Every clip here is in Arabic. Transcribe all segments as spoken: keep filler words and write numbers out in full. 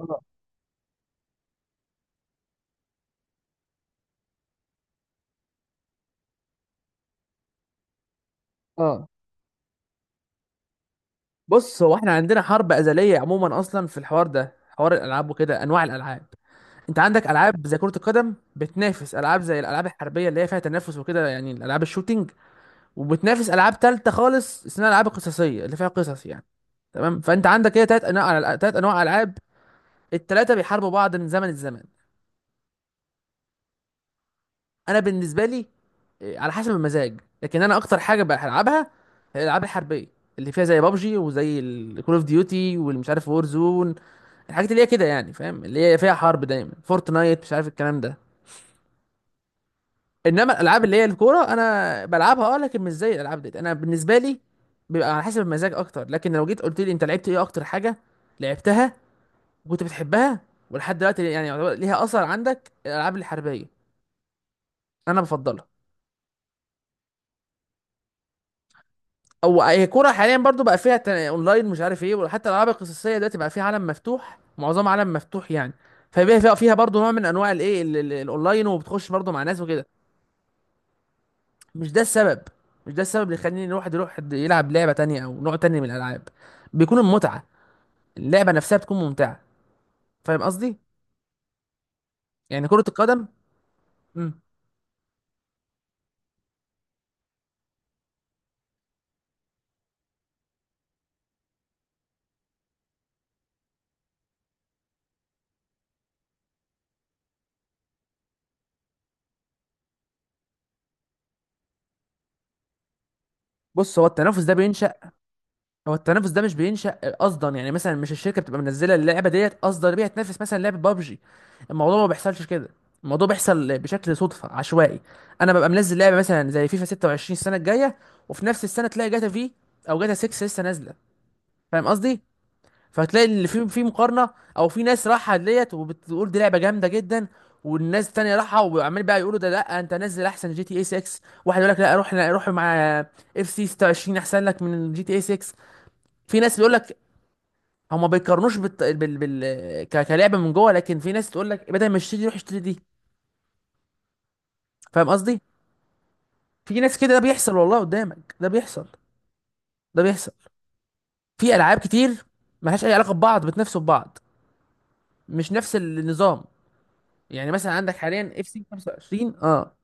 اه اه بص، هو احنا عندنا حرب ازليه عموما، اصلا في الحوار ده، حوار الالعاب وكده، انواع الالعاب. انت عندك العاب زي كره القدم بتنافس العاب زي الالعاب الحربيه اللي هي فيها تنافس وكده، يعني الالعاب الشوتينج، وبتنافس العاب تالته خالص اسمها الالعاب القصصيه اللي فيها قصص يعني. تمام، فانت عندك كده تلات انواع تلات انواع العاب. التلاته بيحاربوا بعض من زمن الزمن. انا بالنسبه لي، إيه، على حسب المزاج، لكن انا اكتر حاجه بلعبها هي الالعاب الحربيه اللي فيها زي بابجي وزي الكول اوف ديوتي والمش عارف وور زون، الحاجات اللي هي كده يعني، فاهم، اللي هي فيها حرب دايما، فورتنايت، مش عارف الكلام ده. انما الالعاب اللي هي الكوره انا بلعبها اه لكن مش زي الالعاب دي. انا بالنسبه لي بيبقى على حسب المزاج اكتر، لكن لو جيت قلت لي انت لعبت ايه اكتر حاجه لعبتها وكنت بتحبها ولحد دلوقتي يعني يعتبر ليها اثر عندك، الالعاب الحربيه انا بفضلها. او هي كوره حاليا برضو بقى فيها تن- اونلاين مش عارف ايه، وحتى الالعاب القصصيه دلوقتي بقى فيها عالم مفتوح، معظم عالم مفتوح يعني. فبقى فيها فيها برضو نوع من انواع الايه، ال- ال- الاونلاين، وبتخش برضو مع ناس وكده. مش ده السبب مش ده السبب اللي يخليني الواحد يروح يد- يلعب لعبه تانية او نوع تاني من الالعاب. بيكون المتعه، اللعبه نفسها بتكون ممتعه. فاهم قصدي؟ يعني كره القدم. مم. بص، هو التنافس ده بينشأ هو التنافس ده مش بينشأ قصدا. يعني مثلا مش الشركه بتبقى منزله اللعبه ديت قصدا بيها تنافس مثلا لعبه بابجي. الموضوع ما بيحصلش كده، الموضوع بيحصل بشكل صدفه عشوائي. انا ببقى منزل لعبه مثلا زي فيفا ستة وعشرين السنه الجايه، وفي نفس السنه تلاقي جاتا في، او جاتا ستة لسه نازله. فاهم قصدي؟ فهتلاقي اللي في في مقارنه، او في ناس راحه ديت وبتقول دي لعبه جامده جدا، والناس التانية راحة وعمال بقى يقولوا، ده لا انت نزل احسن جي تي اي ستة. واحد يقول لك لا، روح روح مع اف سي ست وعشرين احسن لك من جي تي اي ستة. في ناس بيقول لك، هما بيقارنوش بالت... بال... بال... ك... كلعبه من جوه، لكن في ناس تقول لك بدل ما اشتري دي روح اشتري دي. فاهم قصدي؟ في ناس كده، ده بيحصل والله، قدامك ده بيحصل. ده بيحصل، في العاب كتير ملهاش اي علاقه ببعض بتنافسوا ببعض. مش نفس النظام. يعني مثلا عندك حاليا اف سي خمسة وعشرين. اه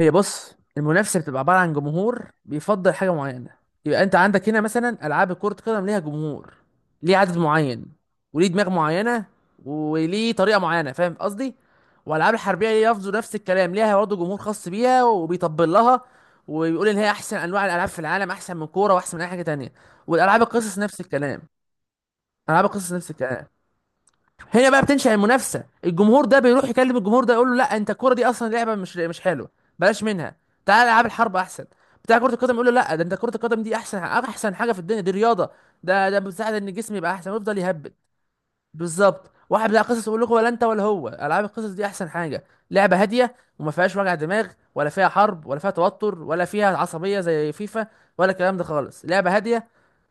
هي بص، المنافسه بتبقى عباره عن جمهور بيفضل حاجه معينه. يبقى انت عندك هنا مثلا العاب كره قدم ليها جمهور، ليه عدد معين وليه دماغ معينه وليه طريقه معينه، فاهم قصدي؟ والالعاب الحربيه ليه برضه نفس الكلام، ليها برضه جمهور خاص بيها وبيطبل لها وبيقول ان هي احسن انواع الالعاب في العالم، احسن من كوره واحسن من اي حاجه تانية. والالعاب القصص نفس الكلام. العاب القصص نفس الكلام هنا بقى بتنشأ المنافسة. الجمهور ده بيروح يكلم الجمهور ده يقول له، لا انت الكرة دي اصلا لعبة مش مش حلوة، بلاش منها، تعال العاب الحرب احسن. بتاع كرة القدم يقول له، لا ده انت كرة القدم دي احسن، احسن حاجة في الدنيا، دي رياضة، ده ده بتساعد ان الجسم يبقى احسن ويفضل يهبل. بالظبط. واحد بتاع قصص يقول لكم، ولا انت ولا هو، العاب القصص دي احسن حاجة، لعبة هادية وما فيهاش وجع دماغ، ولا فيها حرب ولا فيها توتر ولا فيها عصبية زي فيفا ولا الكلام ده خالص، لعبة هادية.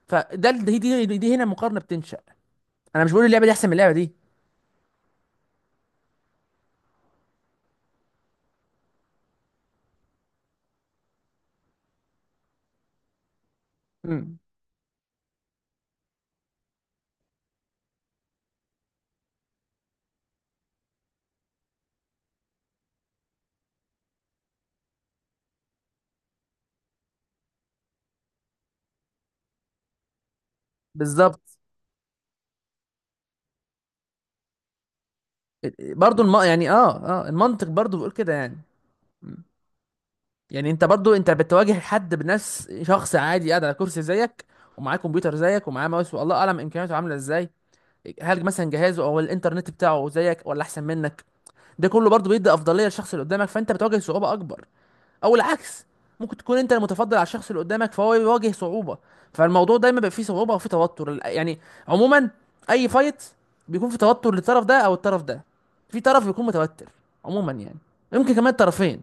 فده دي, دي, دي هنا المقارنة بتنشأ، انا مش بقول اللعبة دي احسن من اللعبة دي. مم. بالظبط. برضو الم... يعني اه اه المنطق برضو بيقول كده يعني. مم. يعني انت برضو انت بتواجه حد بنفس، شخص عادي قاعد على كرسي زيك، ومعاه كمبيوتر زيك، ومعاه ماوس، والله اعلم امكانياته عامله ازاي. هل مثلا جهازه او الانترنت بتاعه زيك ولا احسن منك؟ ده كله برضو بيدي افضليه للشخص اللي قدامك، فانت بتواجه صعوبه اكبر، او العكس، ممكن تكون انت المتفضل على الشخص اللي قدامك فهو يواجه صعوبة. فالموضوع دايما بيبقى فيه صعوبة او فيه توتر، ال- يعني، عموما، اي فايت بيكون في توتر للطرف ده او الطرف ده. في طرف بيكون متوتر عموما يعني، يمكن كمان طرفين.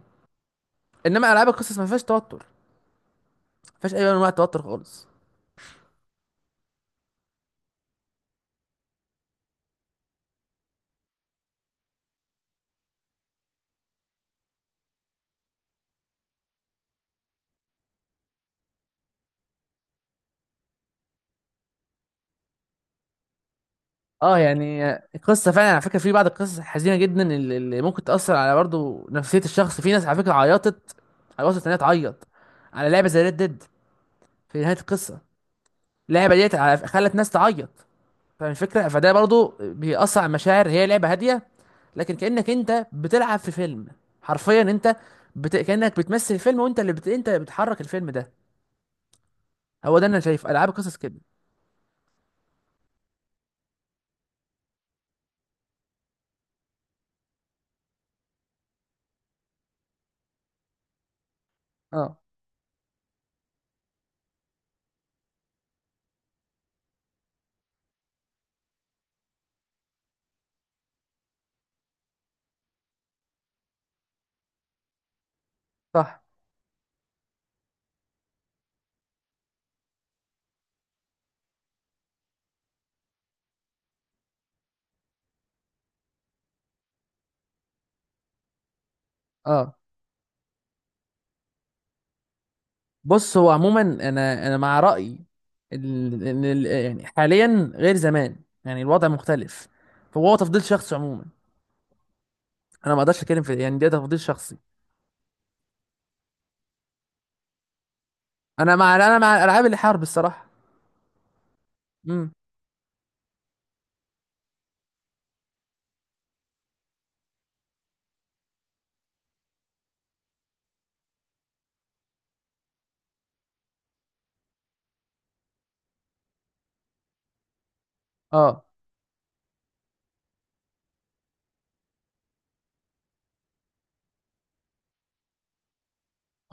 انما العاب القصص ما فيهاش توتر، ما فيهاش اي نوع من انواع توتر خالص. اه يعني القصه فعلا على فكره، في بعض القصص الحزينه جدا اللي اللي ممكن تاثر على برضه نفسيه الشخص. في ناس على فكره عيطت، على، وصلت انها تعيط على لعبه زي ريد ديد في نهايه القصه. اللعبه ديت على- خلت ناس تعيط. فالفكرة فده برضو بيأثر على المشاعر، هي لعبة هادية لكن كأنك انت بتلعب في فيلم، حرفيا انت بت... كأنك بتمثل فيلم، وانت اللي بت... انت اللي بتحرك الفيلم ده. هو ده انا شايف العاب القصص كده. اه صح. اه بص هو عموما، انا انا مع رأيي ال- ان ال... يعني حاليا غير زمان، يعني الوضع مختلف، فهو تفضيل شخصي عموما. انا ما اقدرش اتكلم في يعني، ده تفضيل شخصي. انا مع انا مع الالعاب اللي حرب الصراحة. امم. اه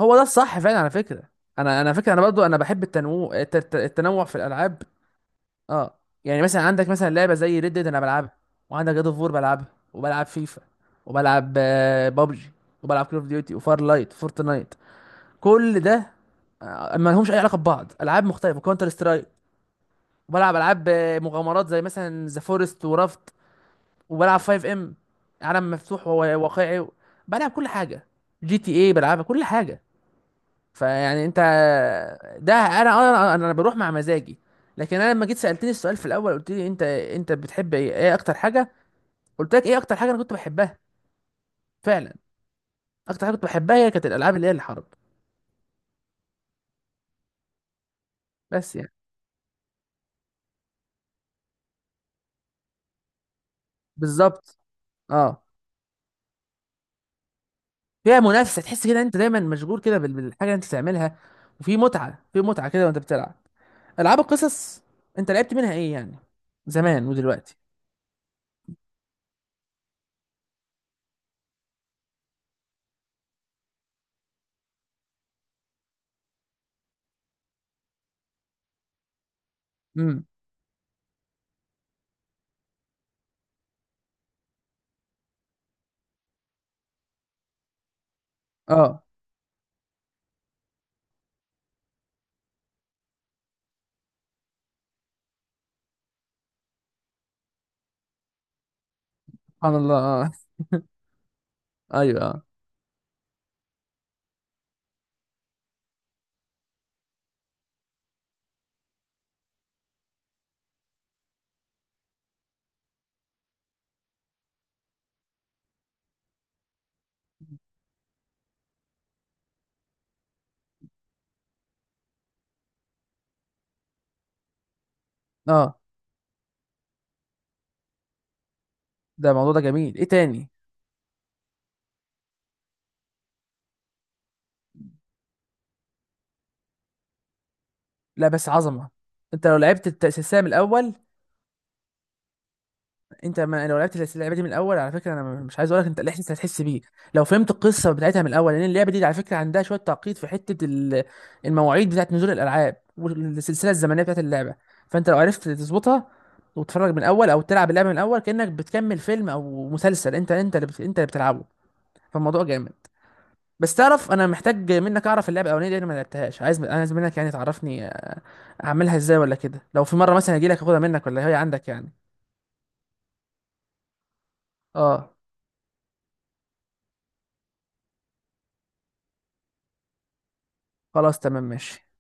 هو ده الصح فعلا على فكره. انا انا فكره انا برضو انا بحب التنوع، الت- التنوع في الالعاب. اه يعني مثلا عندك مثلا لعبه زي ريد ديد انا بلعبها، وعندك جاد اوف وور بلعبها، وبلعب فيفا، وبلعب آه، بابجي، وبلعب كول اوف ديوتي وفار لايت فورتنايت، كل ده آه، ما لهمش اي علاقه ببعض. العاب مختلفه كونتر سترايك، وبلعب العاب آه، مغامرات زي مثلا ذا فورست ورافت، وبلعب 5 ام، عالم مفتوح وواقعي، بلعب كل حاجه، جي تي اي بلعبها، كل حاجه. فيعني انت، ده انا انا انا بروح مع مزاجي. لكن انا لما جيت سالتني السؤال في الاول قلت لي انت، انت بتحب ايه ايه اكتر حاجه، قلت لك ايه اكتر حاجه انا كنت بحبها فعلا، اكتر حاجه كنت بحبها هي كانت الالعاب اللي هي الحرب، بس يعني. بالظبط. اه. فيها منافسه، تحس كده انت دايما مشغول كده بال- بالحاجه اللي انت بتعملها، وفي متعه، في متعه كده وانت بتلعب. العاب القصص، انت لعبت منها ايه يعني، زمان ودلوقتي؟ امم. اه سبحان الله. اه. ايوه اه. اه ده الموضوع ده جميل. ايه تاني؟ لا بس عظمه، انت لو لعبت السلسله من الاول. انت، ما لو لعبت السلسله- اللعبه دي من الاول على فكره، انا م- مش عايز اقول لك انت الاحساس اللي هتحس بيه لو فهمت القصه بتاعتها من الاول، لان اللعبه دي على فكره عندها شويه تعقيد في حته ال- المواعيد بتاعت نزول الالعاب والسلسله الزمنيه بتاعت اللعبه. فانت لو عرفت تظبطها، وتتفرج من الاول او تلعب اللعبه من الاول، كانك بتكمل فيلم او مسلسل، انت انت اللي بت... انت اللي بتلعبه. فالموضوع جامد. بس تعرف، انا محتاج منك اعرف اللعبه الاولانيه دي انا ما لعبتهاش، عايز، عايز منك يعني تعرفني اعملها ازاي، ولا كده لو في مره مثلا اجي لك اخدها منك، ولا هي عندك يعني. اه خلاص تمام ماشي.